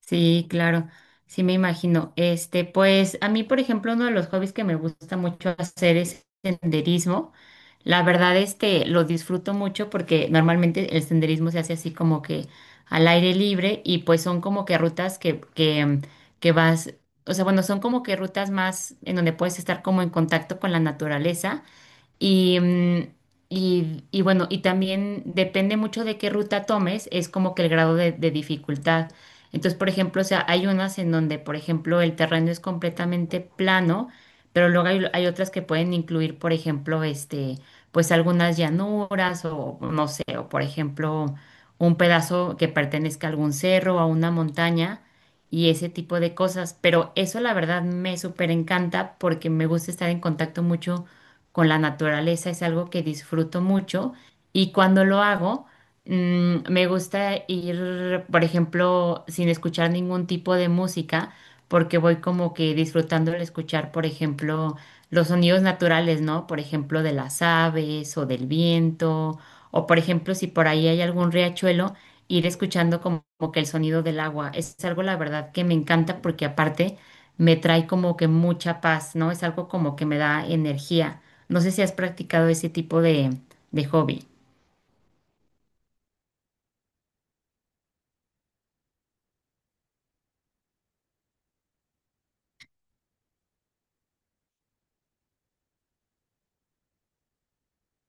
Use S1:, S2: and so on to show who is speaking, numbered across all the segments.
S1: Sí, claro, sí me imagino. Pues a mí, por ejemplo, uno de los hobbies que me gusta mucho hacer es senderismo. La verdad, lo disfruto mucho porque normalmente el senderismo se hace así como que al aire libre y pues son como que rutas que vas, o sea, bueno, son como que rutas más en donde puedes estar como en contacto con la naturaleza y, mm, y bueno, y también depende mucho de qué ruta tomes, es como que el grado de dificultad. Entonces, por ejemplo, o sea, hay unas en donde, por ejemplo, el terreno es completamente plano, pero luego hay otras que pueden incluir, por ejemplo, pues algunas llanuras o no sé, o por ejemplo, un pedazo que pertenezca a algún cerro o a una montaña y ese tipo de cosas. Pero eso, la verdad, me súper encanta porque me gusta estar en contacto mucho con la naturaleza, es algo que disfruto mucho y cuando lo hago, me gusta ir, por ejemplo, sin escuchar ningún tipo de música, porque voy como que disfrutando el escuchar, por ejemplo, los sonidos naturales, ¿no? Por ejemplo, de las aves o del viento, o por ejemplo, si por ahí hay algún riachuelo, ir escuchando como que el sonido del agua. Es algo, la verdad, que me encanta porque aparte me trae como que mucha paz, ¿no? Es algo como que me da energía. No sé si has practicado ese tipo de hobby.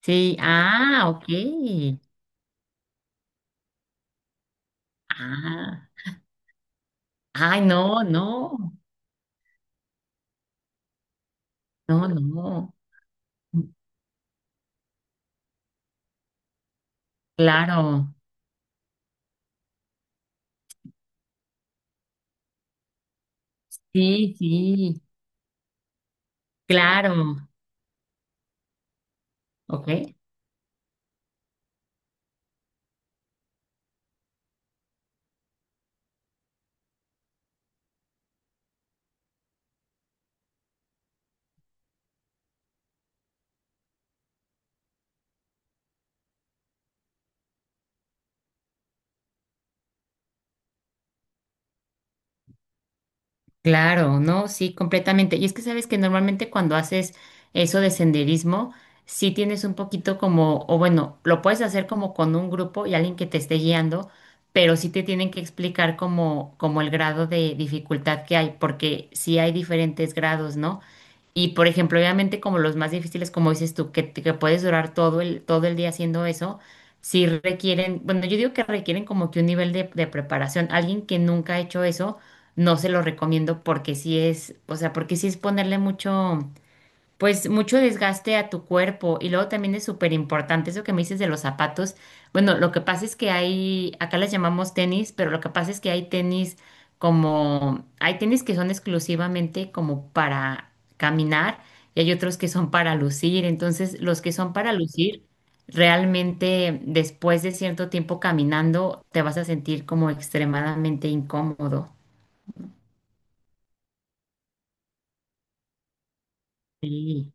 S1: Sí, ah, ok. Ah, ay, no, no. Claro, sí, sí, claro, ok. Claro, no, sí, completamente. Y es que sabes que normalmente cuando haces eso de senderismo, sí tienes un poquito como, o bueno, lo puedes hacer como con un grupo y alguien que te esté guiando, pero sí te tienen que explicar como el grado de dificultad que hay, porque sí hay diferentes grados, ¿no? Y por ejemplo, obviamente como los más difíciles, como dices tú, que puedes durar todo el día haciendo eso, sí requieren, bueno, yo digo que requieren como que un nivel de preparación. Alguien que nunca ha hecho eso no se lo recomiendo porque sí es, o sea, porque sí es ponerle mucho, pues mucho desgaste a tu cuerpo. Y luego también es súper importante eso que me dices de los zapatos. Bueno, lo que pasa es que hay, acá las llamamos tenis, pero lo que pasa es que hay tenis como, hay tenis que son exclusivamente como para caminar y hay otros que son para lucir. Entonces, los que son para lucir... Realmente después de cierto tiempo caminando te vas a sentir como extremadamente incómodo. Sí.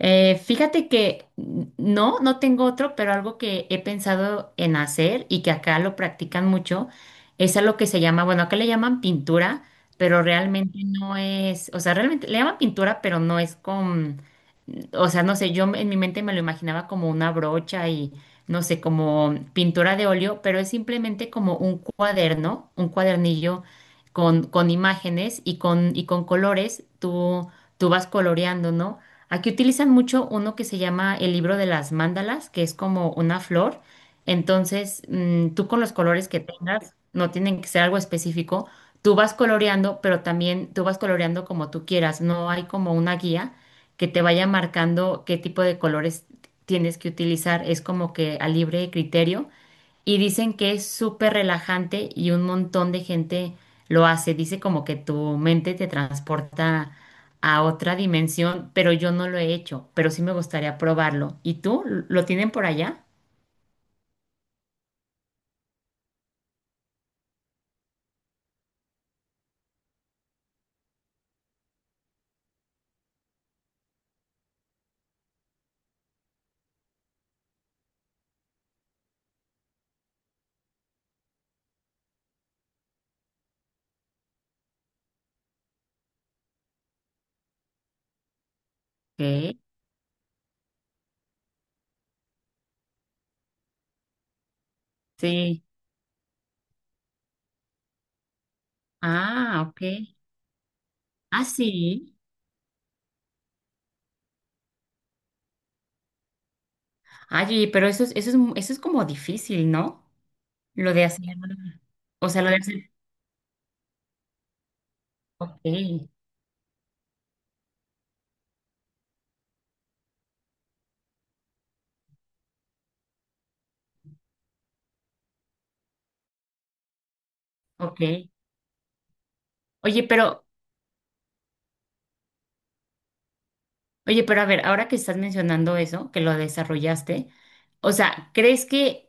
S1: Fíjate que no tengo otro, pero algo que he pensado en hacer y que acá lo practican mucho es algo que se llama, bueno, acá le llaman pintura, pero realmente no es, o sea, realmente le llaman pintura, pero no es con o sea, no sé, yo en mi mente me lo imaginaba como una brocha y, no sé, como pintura de óleo, pero es simplemente como un cuaderno, un cuadernillo con imágenes y y con colores, tú vas coloreando, ¿no? Aquí utilizan mucho uno que se llama el libro de las mandalas, que es como una flor. Entonces, tú con los colores que tengas, no tienen que ser algo específico, tú vas coloreando, pero también tú vas coloreando como tú quieras, no hay como una guía que te vaya marcando qué tipo de colores tienes que utilizar. Es como que a libre criterio. Y dicen que es súper relajante y un montón de gente lo hace. Dice como que tu mente te transporta a otra dimensión, pero yo no lo he hecho, pero sí me gustaría probarlo. ¿Y tú? ¿Lo tienen por allá? ¿Qué? Sí. Ah, ok. Ah, sí. Ay, pero eso es como difícil, ¿no? Lo de hacer, o sea, lo de hacer. Ok, ok. Oye, pero, oye, pero a ver, ahora que estás mencionando eso, que lo desarrollaste, o sea,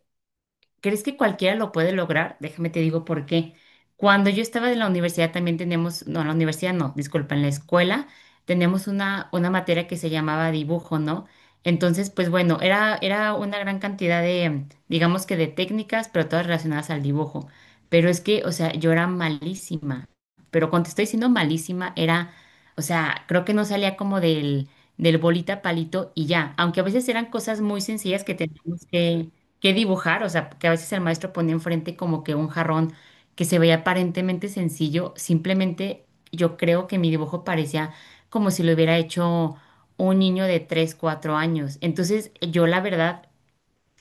S1: ¿crees que cualquiera lo puede lograr? Déjame te digo por qué. Cuando yo estaba en la universidad también teníamos, no, en la universidad no, disculpa, en la escuela teníamos una materia que se llamaba dibujo, ¿no? Entonces, pues bueno, era una gran cantidad de, digamos que de técnicas, pero todas relacionadas al dibujo. Pero es que, o sea, yo era malísima. Pero cuando te estoy diciendo malísima, era, o sea, creo que no salía como del bolita palito y ya. Aunque a veces eran cosas muy sencillas que teníamos que qué dibujar, o sea, que a veces el maestro ponía enfrente como que un jarrón que se veía aparentemente sencillo, simplemente yo creo que mi dibujo parecía como si lo hubiera hecho un niño de 3, 4 años. Entonces, yo la verdad,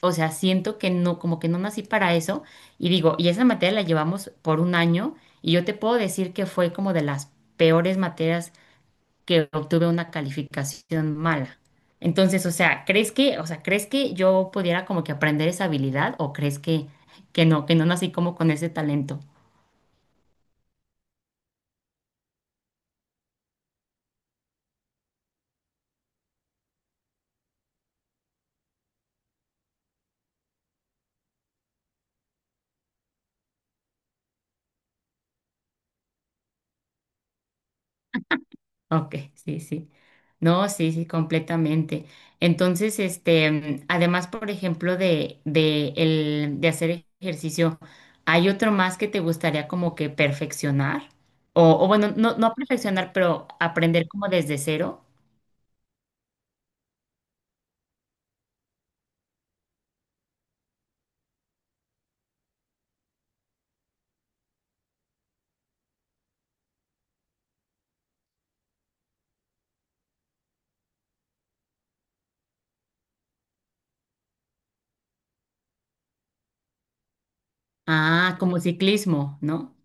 S1: o sea, siento que no, como que no nací para eso y digo, y esa materia la llevamos por un año y yo te puedo decir que fue como de las peores materias que obtuve una calificación mala. Entonces, o sea, ¿crees que yo pudiera como que aprender esa habilidad o crees que no nací como con ese talento? Ok, sí, sí. No, sí, sí, completamente. Entonces, además, por ejemplo, de hacer ejercicio, ¿hay otro más que te gustaría como que perfeccionar? O bueno, no, no perfeccionar, pero aprender como desde cero. Ah, como ciclismo, ¿no?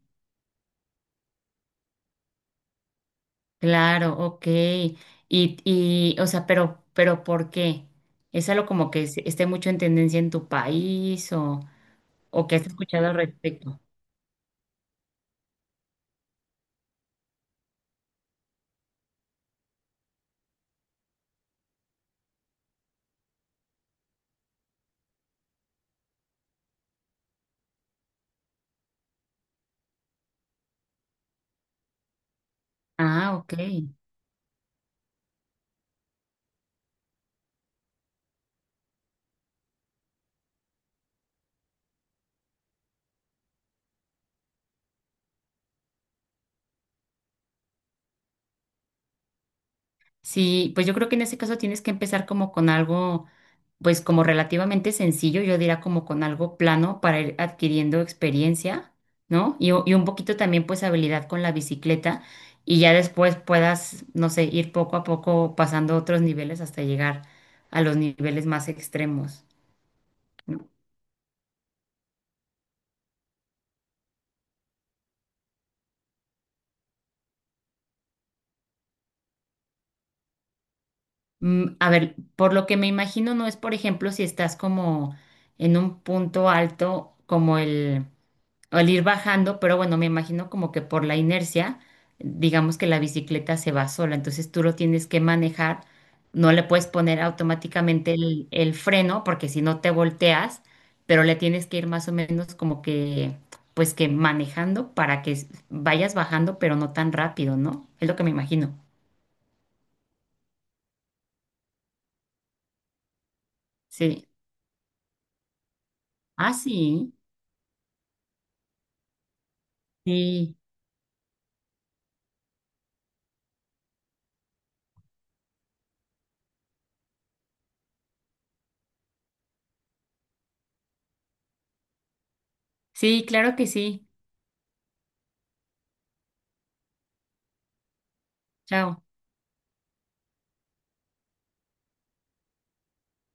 S1: Claro, ok. O sea, pero ¿por qué? ¿Es algo como que esté mucho en tendencia en tu país o que has escuchado al respecto? Ah, ok. Sí, pues yo creo que en ese caso tienes que empezar como con algo, pues como relativamente sencillo, yo diría como con algo plano para ir adquiriendo experiencia, ¿no? Y un poquito también pues habilidad con la bicicleta y ya después puedas, no sé, ir poco a poco pasando otros niveles hasta llegar a los niveles más extremos. Mm, a ver, por lo que me imagino no es, por ejemplo, si estás como en un punto alto como el... o el ir bajando, pero bueno, me imagino como que por la inercia, digamos que la bicicleta se va sola, entonces tú lo tienes que manejar, no le puedes poner automáticamente el freno porque si no te volteas, pero le tienes que ir más o menos como que, pues que manejando para que vayas bajando, pero no tan rápido, ¿no? Es lo que me imagino. Sí. Ah, sí. Sí. Sí, claro que sí. Chao.